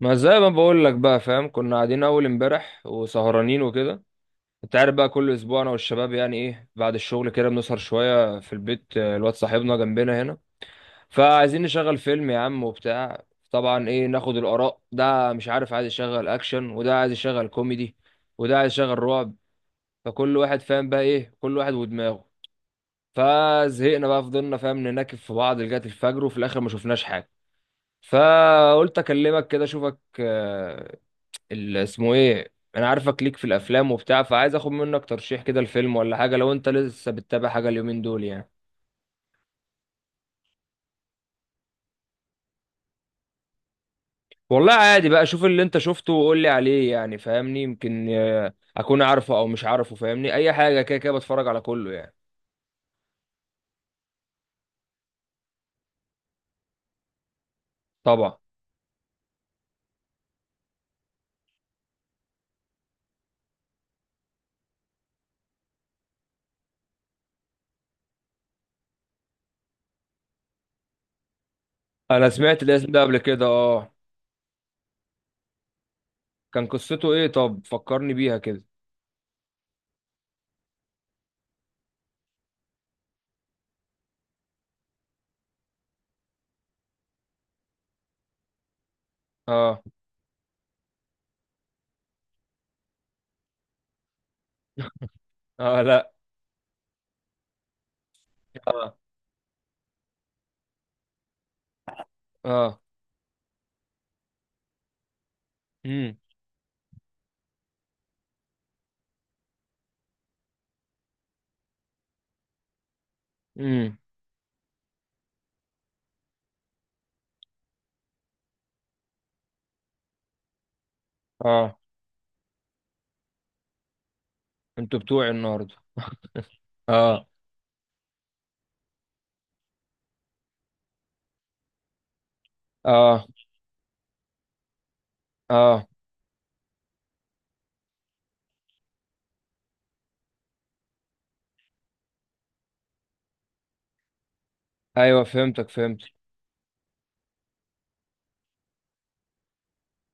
ما زي ما بقول لك بقى، فاهم، كنا قاعدين اول امبارح وسهرانين وكده. انت عارف بقى، كل اسبوع انا والشباب يعني ايه بعد الشغل كده بنسهر شويه في البيت. الواد صاحبنا جنبنا هنا. فعايزين نشغل فيلم يا عم وبتاع. طبعا، ايه، ناخد الاراء، ده مش عارف، عايز يشغل اكشن وده عايز يشغل كوميدي، وده عايز يشغل رعب. فكل واحد فاهم بقى ايه، كل واحد ودماغه. فزهقنا بقى، فضلنا، فاهم، نناكف في بعض لغايه الفجر وفي الاخر ما شفناش حاجه. فقلت اكلمك كده اشوفك. اسمه ايه، انا عارفك ليك في الافلام وبتاع، فعايز اخد منك ترشيح كده الفيلم ولا حاجه، لو انت لسه بتتابع حاجه اليومين دول يعني. والله عادي بقى، شوف اللي انت شفته وقول لي عليه يعني فاهمني، يمكن اكون عارفه او مش عارفه، فاهمني، اي حاجه كده، كده بتفرج على كله يعني. طبعا. انا سمعت الاسم ده قبل كده. اه. كان قصته ايه؟ طب فكرني بيها كده. اه. اه، لا. اه. اه. امم. امم. اه، انتوا بتوعي النهارده. اه. اه. اه. ايوه، فهمتك فهمت.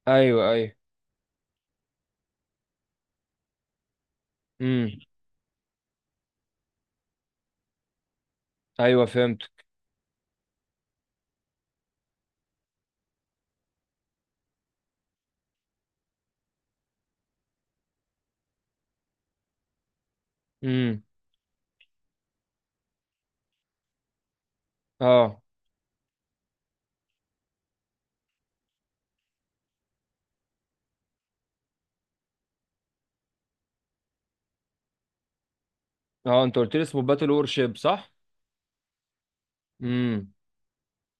ايوه، ايوه. امم. ايوه، فهمت. امم. اه. اه، انت قلت لي اسمه باتل وور شيب، صح؟ امم.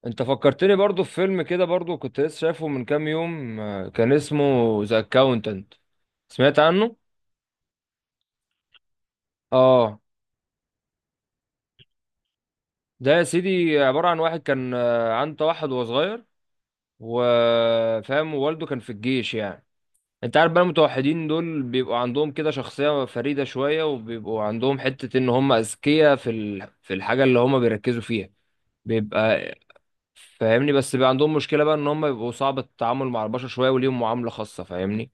انت فكرتني برضو في فيلم كده، برضو كنت لسه شايفه من كام يوم. كان اسمه ذا اكاونتنت. سمعت عنه. اه. ده يا سيدي عبارة عن واحد كان عنده توحد وهو صغير. وفاهم، ووالده كان في الجيش يعني. انت عارف بقى المتوحدين دول بيبقوا عندهم كده شخصية فريدة شوية، وبيبقوا عندهم حتة ان هم اذكياء في الحاجة اللي هم بيركزوا فيها. بيبقى. فاهمني، بس بقى عندهم مشكله بقى ان هم بيبقوا صعب التعامل مع البشر شويه، وليهم معامله خاصه، فاهمني.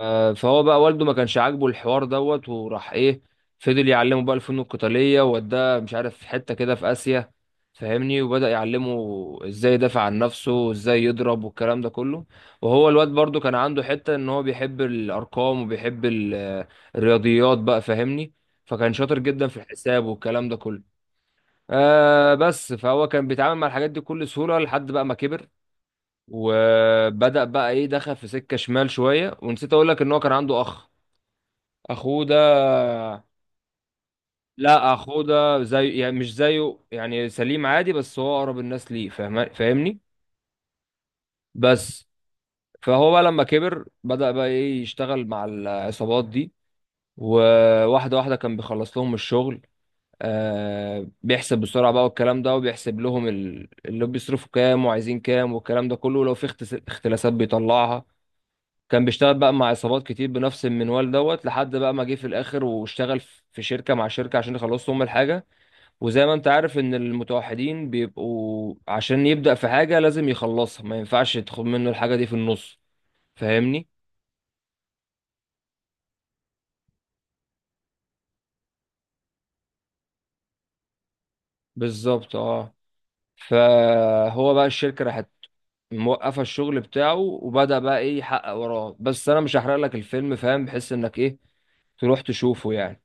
فهو بقى والده ما كانش عاجبه الحوار دوت، وراح ايه، فضل يعلمه بقى الفنون القتاليه ووداه مش عارف حته كده في اسيا. فاهمني، وبدأ يعلمه ازاي يدافع عن نفسه وازاي يضرب والكلام ده كله. وهو الواد برضو كان عنده حته ان هو بيحب الارقام وبيحب الرياضيات بقى، فاهمني. فكان شاطر جدا في الحساب والكلام ده كله. بس فهو كان بيتعامل مع الحاجات دي بكل سهولة لحد بقى ما كبر. وبدأ بقى ايه، دخل في سكة شمال شوية، ونسيت اقول لك ان هو كان عنده اخ، اخوه ده. لا، اخوه ده زي، يعني مش زيه، يعني سليم عادي، بس هو اقرب الناس ليه، فاهم، فاهمني. بس. فهو بقى لما كبر بدأ بقى ايه يشتغل مع العصابات دي، وواحدة واحدة كان بيخلص لهم الشغل. بيحسب بسرعة بقى والكلام ده، وبيحسب لهم اللي بيصرفوا كام وعايزين كام والكلام ده كله، ولو في اختلاسات بيطلعها. كان بيشتغل بقى مع عصابات كتير بنفس المنوال دوت، لحد بقى ما جه في الآخر واشتغل في شركة، مع شركة عشان يخلصوا هم الحاجة. وزي ما انت عارف ان المتوحدين بيبقوا عشان يبدأ في حاجة لازم يخلصها، ما ينفعش تاخد منه الحاجة دي في النص. فاهمني؟ بالظبط، اه. فهو بقى الشركة راحت، موقفه الشغل بتاعه، وبدأ بقى ايه يحقق وراه، بس انا مش هحرق لك الفيلم فاهم، بحيث انك ايه تروح تشوفه يعني.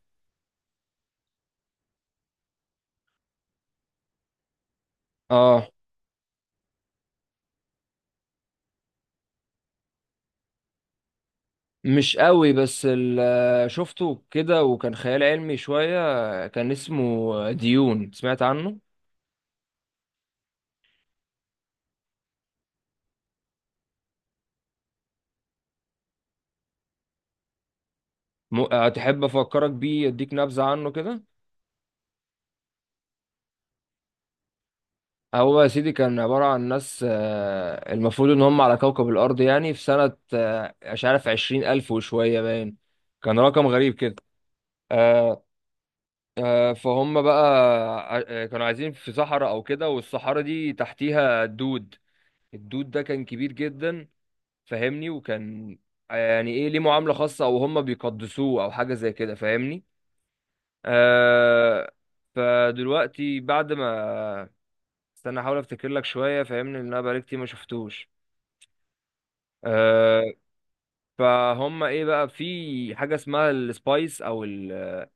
اه. مش قوي، بس شفته كده وكان خيال علمي شوية، كان اسمه ديون، سمعت عنه؟ هتحب افكرك بيه، اديك نبذة عنه كده؟ هو يا سيدي كان عبارة عن ناس المفروض ان هم على كوكب الارض، يعني في سنة، مش عارف، 20,000 وشوية باين. كان رقم غريب كده. آه، فهم بقى، ع- كانوا عايزين في صحراء او كده، والصحراء دي تحتيها الدود. الدود ده كان كبير جدا. فاهمني، وكان يعني ايه ليه معاملة خاصة، او هم بيقدسوه او حاجة زي كده، فاهمني. آه فدلوقتي بعد ما، استنى احاول افتكر لك شوية، فاهمني، لان انا بقالي كتير ما شفتوش. آه فهم ايه بقى، في حاجة اسمها السبايس او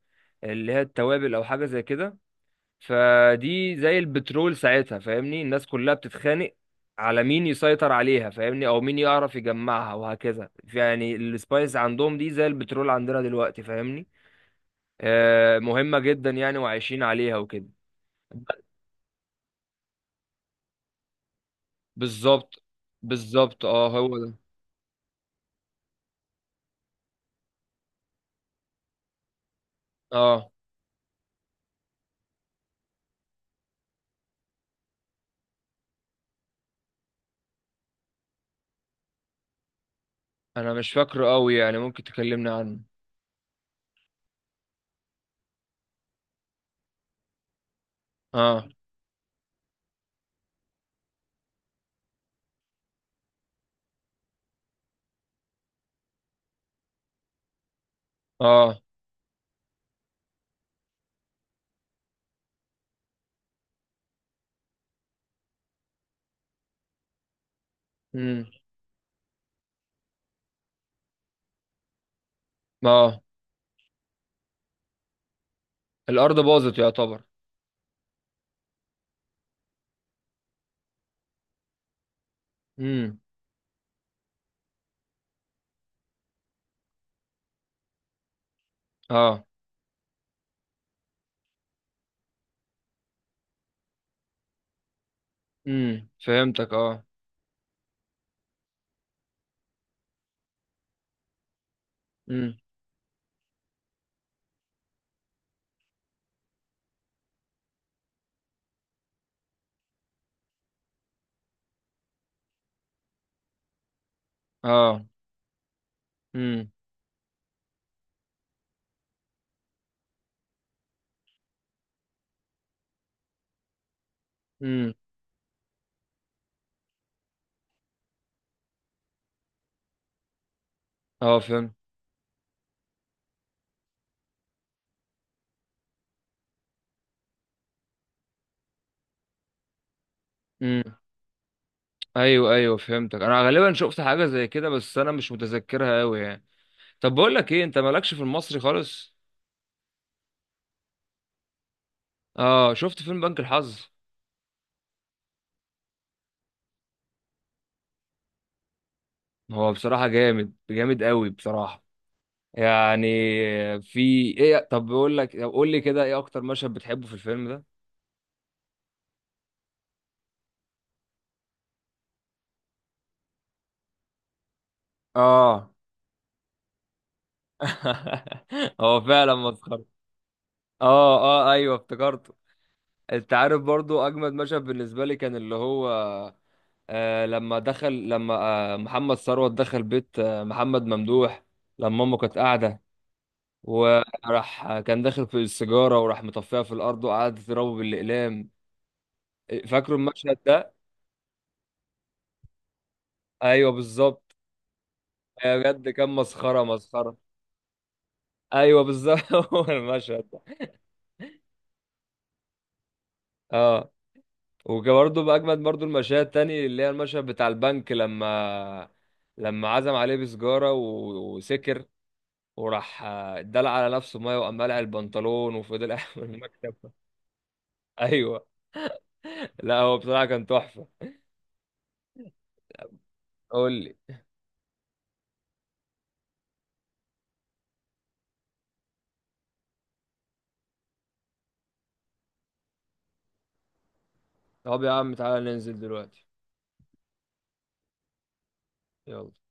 اللي هي التوابل، او حاجة زي كده. فدي زي البترول ساعتها، فاهمني، الناس كلها بتتخانق على مين يسيطر عليها، فاهمني، او مين يعرف يجمعها، وهكذا يعني، السبايس عندهم دي زي البترول عندنا دلوقتي، فاهمني. مهمة جدا يعني، وعايشين عليها وكده. بالظبط. بالظبط، اه، هو ده. اه، انا مش فاكره قوي يعني، ممكن تكلمني عنه؟ اه. اه. امم. اه. الارض باظت يعتبر. امم. اه. امم، فهمتك اه. امم. اه. امم. اه، فهمت. امم. ايوه، ايوه، فهمتك. انا غالبا شفت حاجه زي كده، بس انا مش متذكرها قوي يعني. طب بقول لك ايه، انت مالكش في المصري خالص؟ اه، شفت فيلم بنك الحظ؟ هو بصراحه جامد جامد قوي بصراحه، يعني، في، ايه، طب بقول لك، طب قول لي كده، ايه اكتر مشهد بتحبه في الفيلم ده؟ اه. هو فعلا مسخره. اه. اه، ايوه افتكرته. انت عارف برضو اجمد مشهد بالنسبه لي كان اللي هو، لما محمد ثروت دخل بيت محمد ممدوح، لما امه كانت قاعده، وراح كان داخل في السيجاره، وراح مطفيها في الارض، وقعد تضربه بالاقلام. فاكروا المشهد ده؟ ايوه، بالظبط. بجد كان مسخره مسخره. ايوه بالظبط. هو المشهد ده. اه. وبرده باجمد برده المشاهد تاني، اللي هي المشهد بتاع البنك، لما عزم عليه بسجاره وسكر، وراح اتدلع على نفسه ميه، وقام قلع البنطلون وفضل قاعد من المكتب. ايوه. لا، هو بصراحه كان تحفه. قول لي. طب يا عم، تعالى ننزل دلوقتي. يلا.